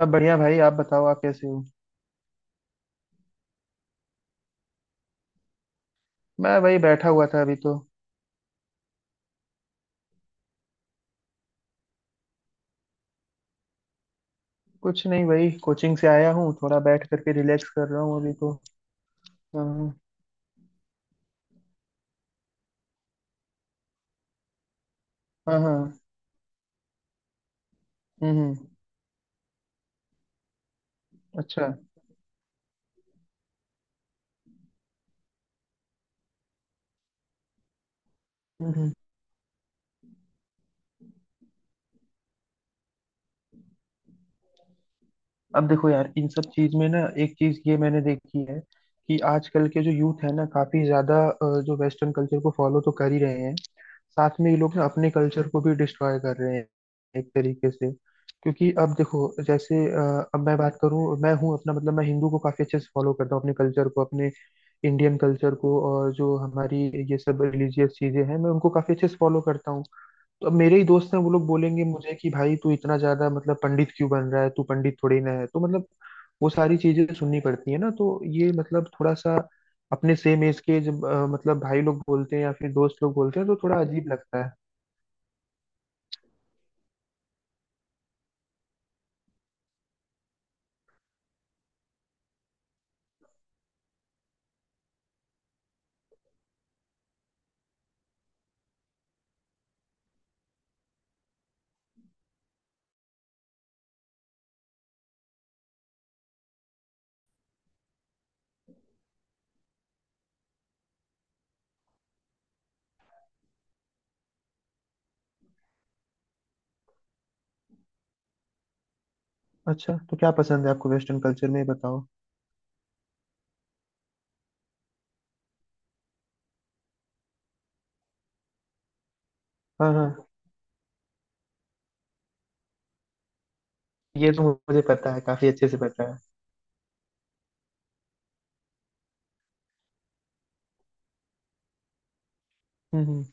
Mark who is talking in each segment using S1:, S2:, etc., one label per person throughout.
S1: सब बढ़िया भाई, आप बताओ, आप कैसे हो? मैं वही बैठा हुआ था अभी तो। कुछ नहीं, वही कोचिंग से आया हूँ, थोड़ा बैठ करके रिलैक्स कर रहा हूँ अभी तो। हाँ, हाँ, हाँ। हम्म, अच्छा। हम्म, अब देखो यार, इन सब चीज में ना एक चीज ये मैंने देखी है कि आजकल के जो यूथ है ना काफी ज्यादा जो वेस्टर्न कल्चर को फॉलो तो कर ही रहे हैं। साथ में ये लोग ना अपने कल्चर को भी डिस्ट्रॉय कर रहे हैं, एक तरीके से। क्योंकि अब देखो जैसे अब मैं बात करूँ, मैं हूँ अपना मतलब मैं हिंदू को काफी अच्छे से फॉलो करता हूँ, अपने कल्चर को, अपने इंडियन कल्चर को, और जो हमारी ये सब रिलीजियस चीजें हैं मैं उनको काफी अच्छे से फॉलो करता हूँ। तो अब मेरे ही दोस्त हैं, वो लोग बोलेंगे मुझे कि भाई तू इतना ज्यादा मतलब पंडित क्यों बन रहा है, तू पंडित थोड़ी ना है तो मतलब वो सारी चीजें सुननी पड़ती है ना तो। ये मतलब थोड़ा सा अपने सेम एज के जब मतलब भाई लोग बोलते हैं या फिर दोस्त लोग बोलते हैं तो थोड़ा अजीब लगता है। अच्छा, तो क्या पसंद है आपको वेस्टर्न कल्चर में, ये बताओ? हाँ हाँ, ये तो मुझे पता है, काफी अच्छे से पता है। हम्म,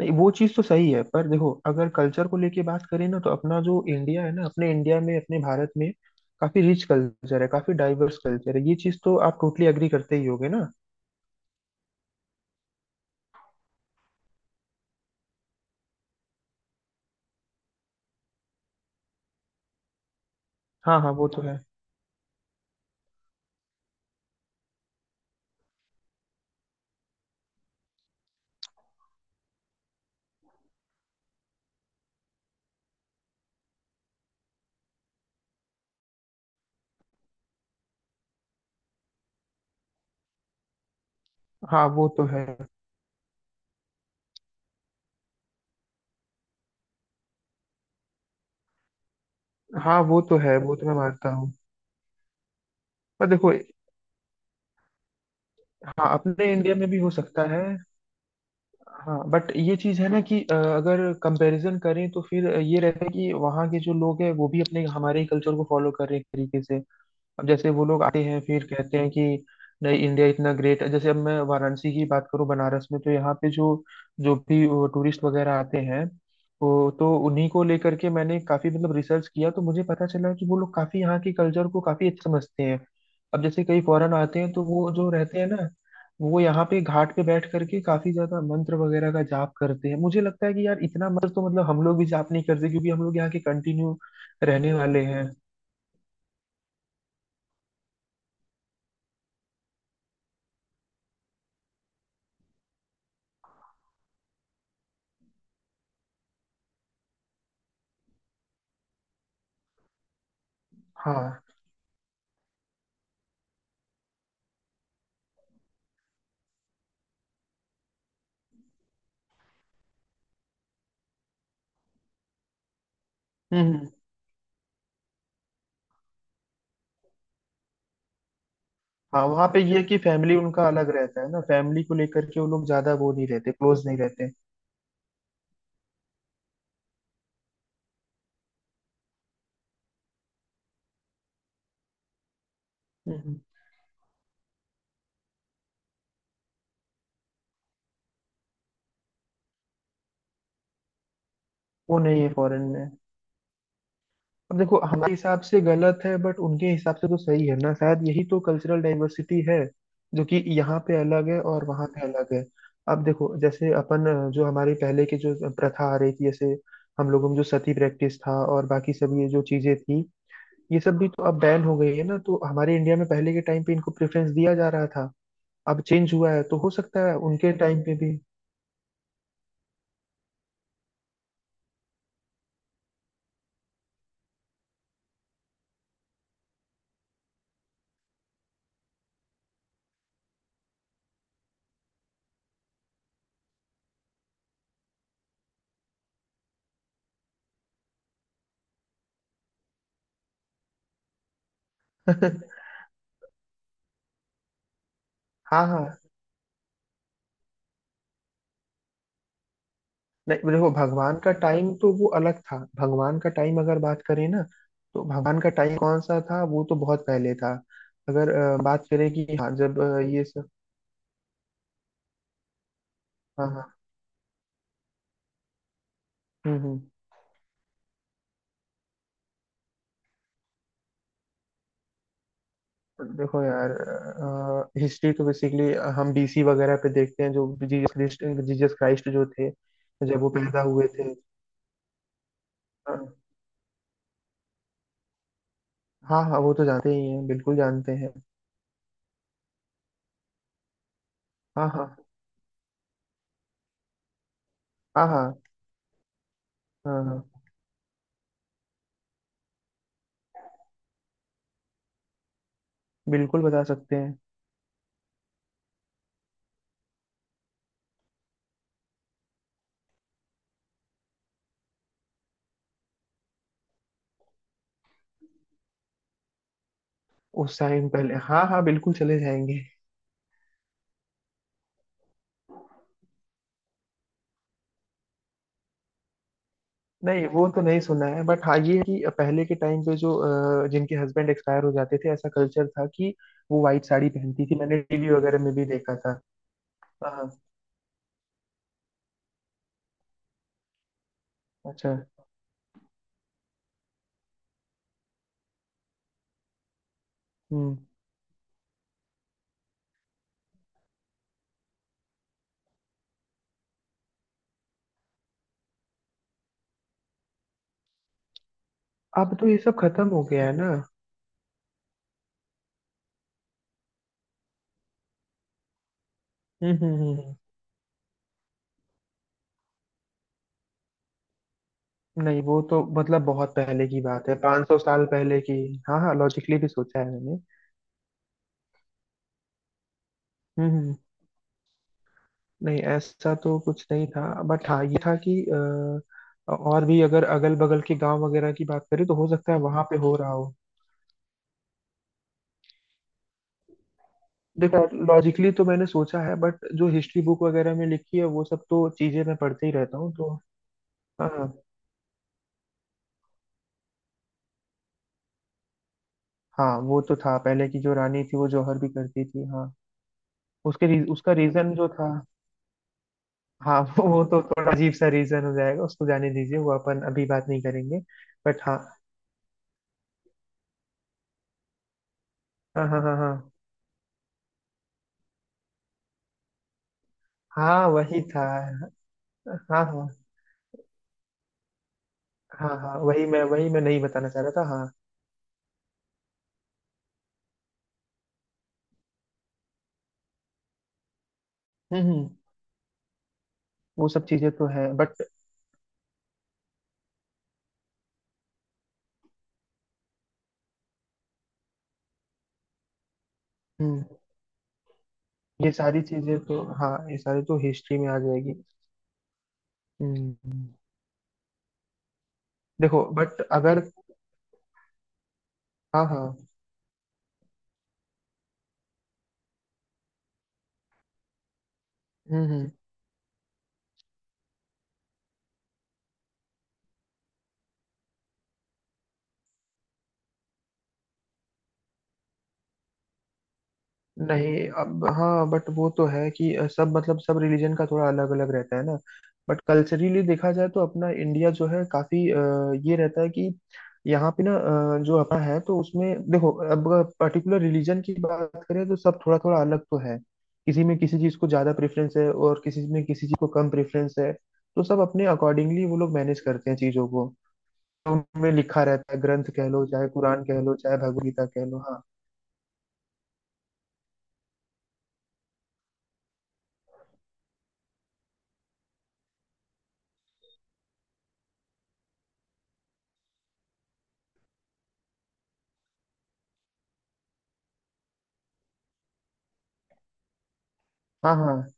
S1: नहीं, वो चीज़ तो सही है पर देखो अगर कल्चर को लेके बात करें ना, तो अपना जो इंडिया है ना, अपने इंडिया में, अपने भारत में काफी रिच कल्चर है, काफी डाइवर्स कल्चर है, ये चीज़ तो आप टोटली एग्री करते ही होगे ना। हाँ हाँ, वो तो है। हाँ वो तो है। हाँ वो तो है, वो तो मैं मानता हूँ। पर देखो। हाँ, अपने इंडिया में भी हो सकता है। हाँ बट ये चीज़ है ना कि अगर कंपैरिजन करें तो फिर ये रहता है कि वहाँ के जो लोग हैं वो भी अपने हमारे ही कल्चर को फॉलो कर रहे हैं, एक तरीके से। अब जैसे वो लोग आते हैं फिर कहते हैं कि नहीं इंडिया इतना ग्रेट है, जैसे अब मैं वाराणसी की बात करूं, बनारस में तो यहाँ पे जो जो भी टूरिस्ट वगैरह आते हैं वो, तो उन्हीं को लेकर के मैंने काफी मतलब रिसर्च किया, तो मुझे पता चला कि वो लोग काफी यहाँ के कल्चर को काफी अच्छा समझते हैं। अब जैसे कई फॉरेन आते हैं, तो वो जो रहते हैं ना, वो यहाँ पे घाट पे बैठ करके काफी ज्यादा मंत्र वगैरह का जाप करते हैं। मुझे लगता है कि यार इतना मंत्र तो मतलब हम लोग भी जाप नहीं करते, क्योंकि हम लोग यहाँ के कंटिन्यू रहने वाले हैं। हाँ, हम्म, हाँ। वहाँ पे ये है कि फैमिली उनका अलग रहता है ना, फैमिली को लेकर के वो लोग ज्यादा वो नहीं रहते, क्लोज नहीं रहते। हम्म। वो नहीं है फॉरेन में। अब देखो, हमारे हिसाब से गलत है बट उनके हिसाब से तो सही है ना, शायद यही तो कल्चरल डाइवर्सिटी है, जो कि यहाँ पे अलग है और वहाँ पे अलग है। अब देखो जैसे अपन, जो हमारी पहले की जो प्रथा आ रही थी, जैसे हम लोगों में जो सती प्रैक्टिस था और बाकी सब ये जो चीजें थी, ये सब भी तो अब बैन हो गई है ना, तो हमारे इंडिया में पहले के टाइम पे इनको प्रेफरेंस दिया जा रहा था। अब चेंज हुआ है तो हो सकता है उनके टाइम पे भी। हाँ हाँ। नहीं देखो, भगवान का टाइम तो वो अलग था, भगवान का टाइम अगर बात करें ना, तो भगवान का टाइम कौन सा था, वो तो बहुत पहले था। अगर बात करें कि हाँ जब ये सब, हाँ हाँ, हम्म, देखो यार, हिस्ट्री तो बेसिकली हम बीसी वगैरह पे देखते हैं, जो जीसस क्राइस्ट जो थे, जब वो पैदा हुए थे। हाँ हाँ हाँ, वो तो जानते ही हैं, बिल्कुल जानते हैं। हाँ हाँ हाँ हाँ। हाँ हाँ, बिल्कुल बता सकते हैं। उस टाइम पहले, हाँ हाँ, बिल्कुल चले जाएंगे। नहीं, वो तो नहीं सुना है बट हाँ ये है कि पहले के टाइम पे जो जिनके हस्बैंड एक्सपायर हो जाते थे, ऐसा कल्चर था कि वो वाइट साड़ी पहनती थी, मैंने टीवी वगैरह में भी देखा था। हाँ, अच्छा, हम्म। अब तो ये सब खत्म हो गया है ना। हम्म, हम्म, हम्म, नहीं, वो तो मतलब बहुत पहले की बात है, 500 साल पहले की। हाँ हाँ, लॉजिकली भी सोचा है मैंने। हम्म, नहीं, ऐसा तो कुछ नहीं था बट हाँ ये था कि और भी अगर अगल बगल के गांव वगैरह की बात करें तो हो सकता है वहां पे हो रहा हो। देखो, लॉजिकली तो मैंने सोचा है बट जो हिस्ट्री बुक वगैरह में लिखी है वो सब तो चीजें मैं पढ़ते ही रहता हूँ तो। हाँ हाँ, वो तो था, पहले की जो रानी थी वो जौहर भी करती थी, हाँ। उसका रीजन जो था, हाँ वो तो थोड़ा अजीब सा रीजन हो जाएगा, उसको जाने दीजिए, वो अपन अभी बात नहीं करेंगे। बट हाँ। हाँ हाँ हाँ हाँ हाँ वही था। हाँ हाँ हाँ हाँ, वही मैं नहीं बताना चाह रहा था, हाँ। हम्म हम्म, वो सब चीजें तो है बट, हम्म ये सारी चीजें तो हाँ, ये सारी तो हिस्ट्री में आ जाएगी। हम्म देखो बट अगर, हाँ हाँ, हम्म। नहीं अब हाँ बट वो तो है कि सब मतलब सब रिलीजन का थोड़ा अलग अलग रहता है ना। बट कल्चरली देखा जाए तो अपना इंडिया जो है काफी, ये रहता है कि यहाँ पे ना, जो अपना है तो उसमें देखो, अब पर्टिकुलर रिलीजन की बात करें तो सब थोड़ा थोड़ा अलग तो है। किसी में किसी चीज को ज्यादा प्रेफरेंस है और किसी में किसी चीज को कम प्रेफरेंस है, तो सब अपने अकॉर्डिंगली वो लोग मैनेज करते हैं चीजों को। तो उनमें लिखा रहता है, ग्रंथ कह लो चाहे कुरान कह लो चाहे भगवद गीता कह लो, हाँ। हाँ हाँ,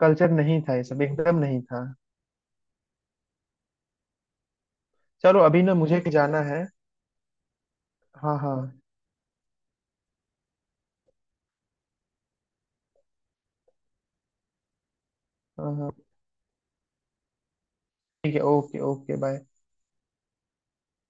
S1: कल्चर नहीं था, ये सब एकदम नहीं था। चलो अभी ना मुझे जाना है। हाँ हाँ हाँ हाँ, ठीक है, ओके ओके, बाय।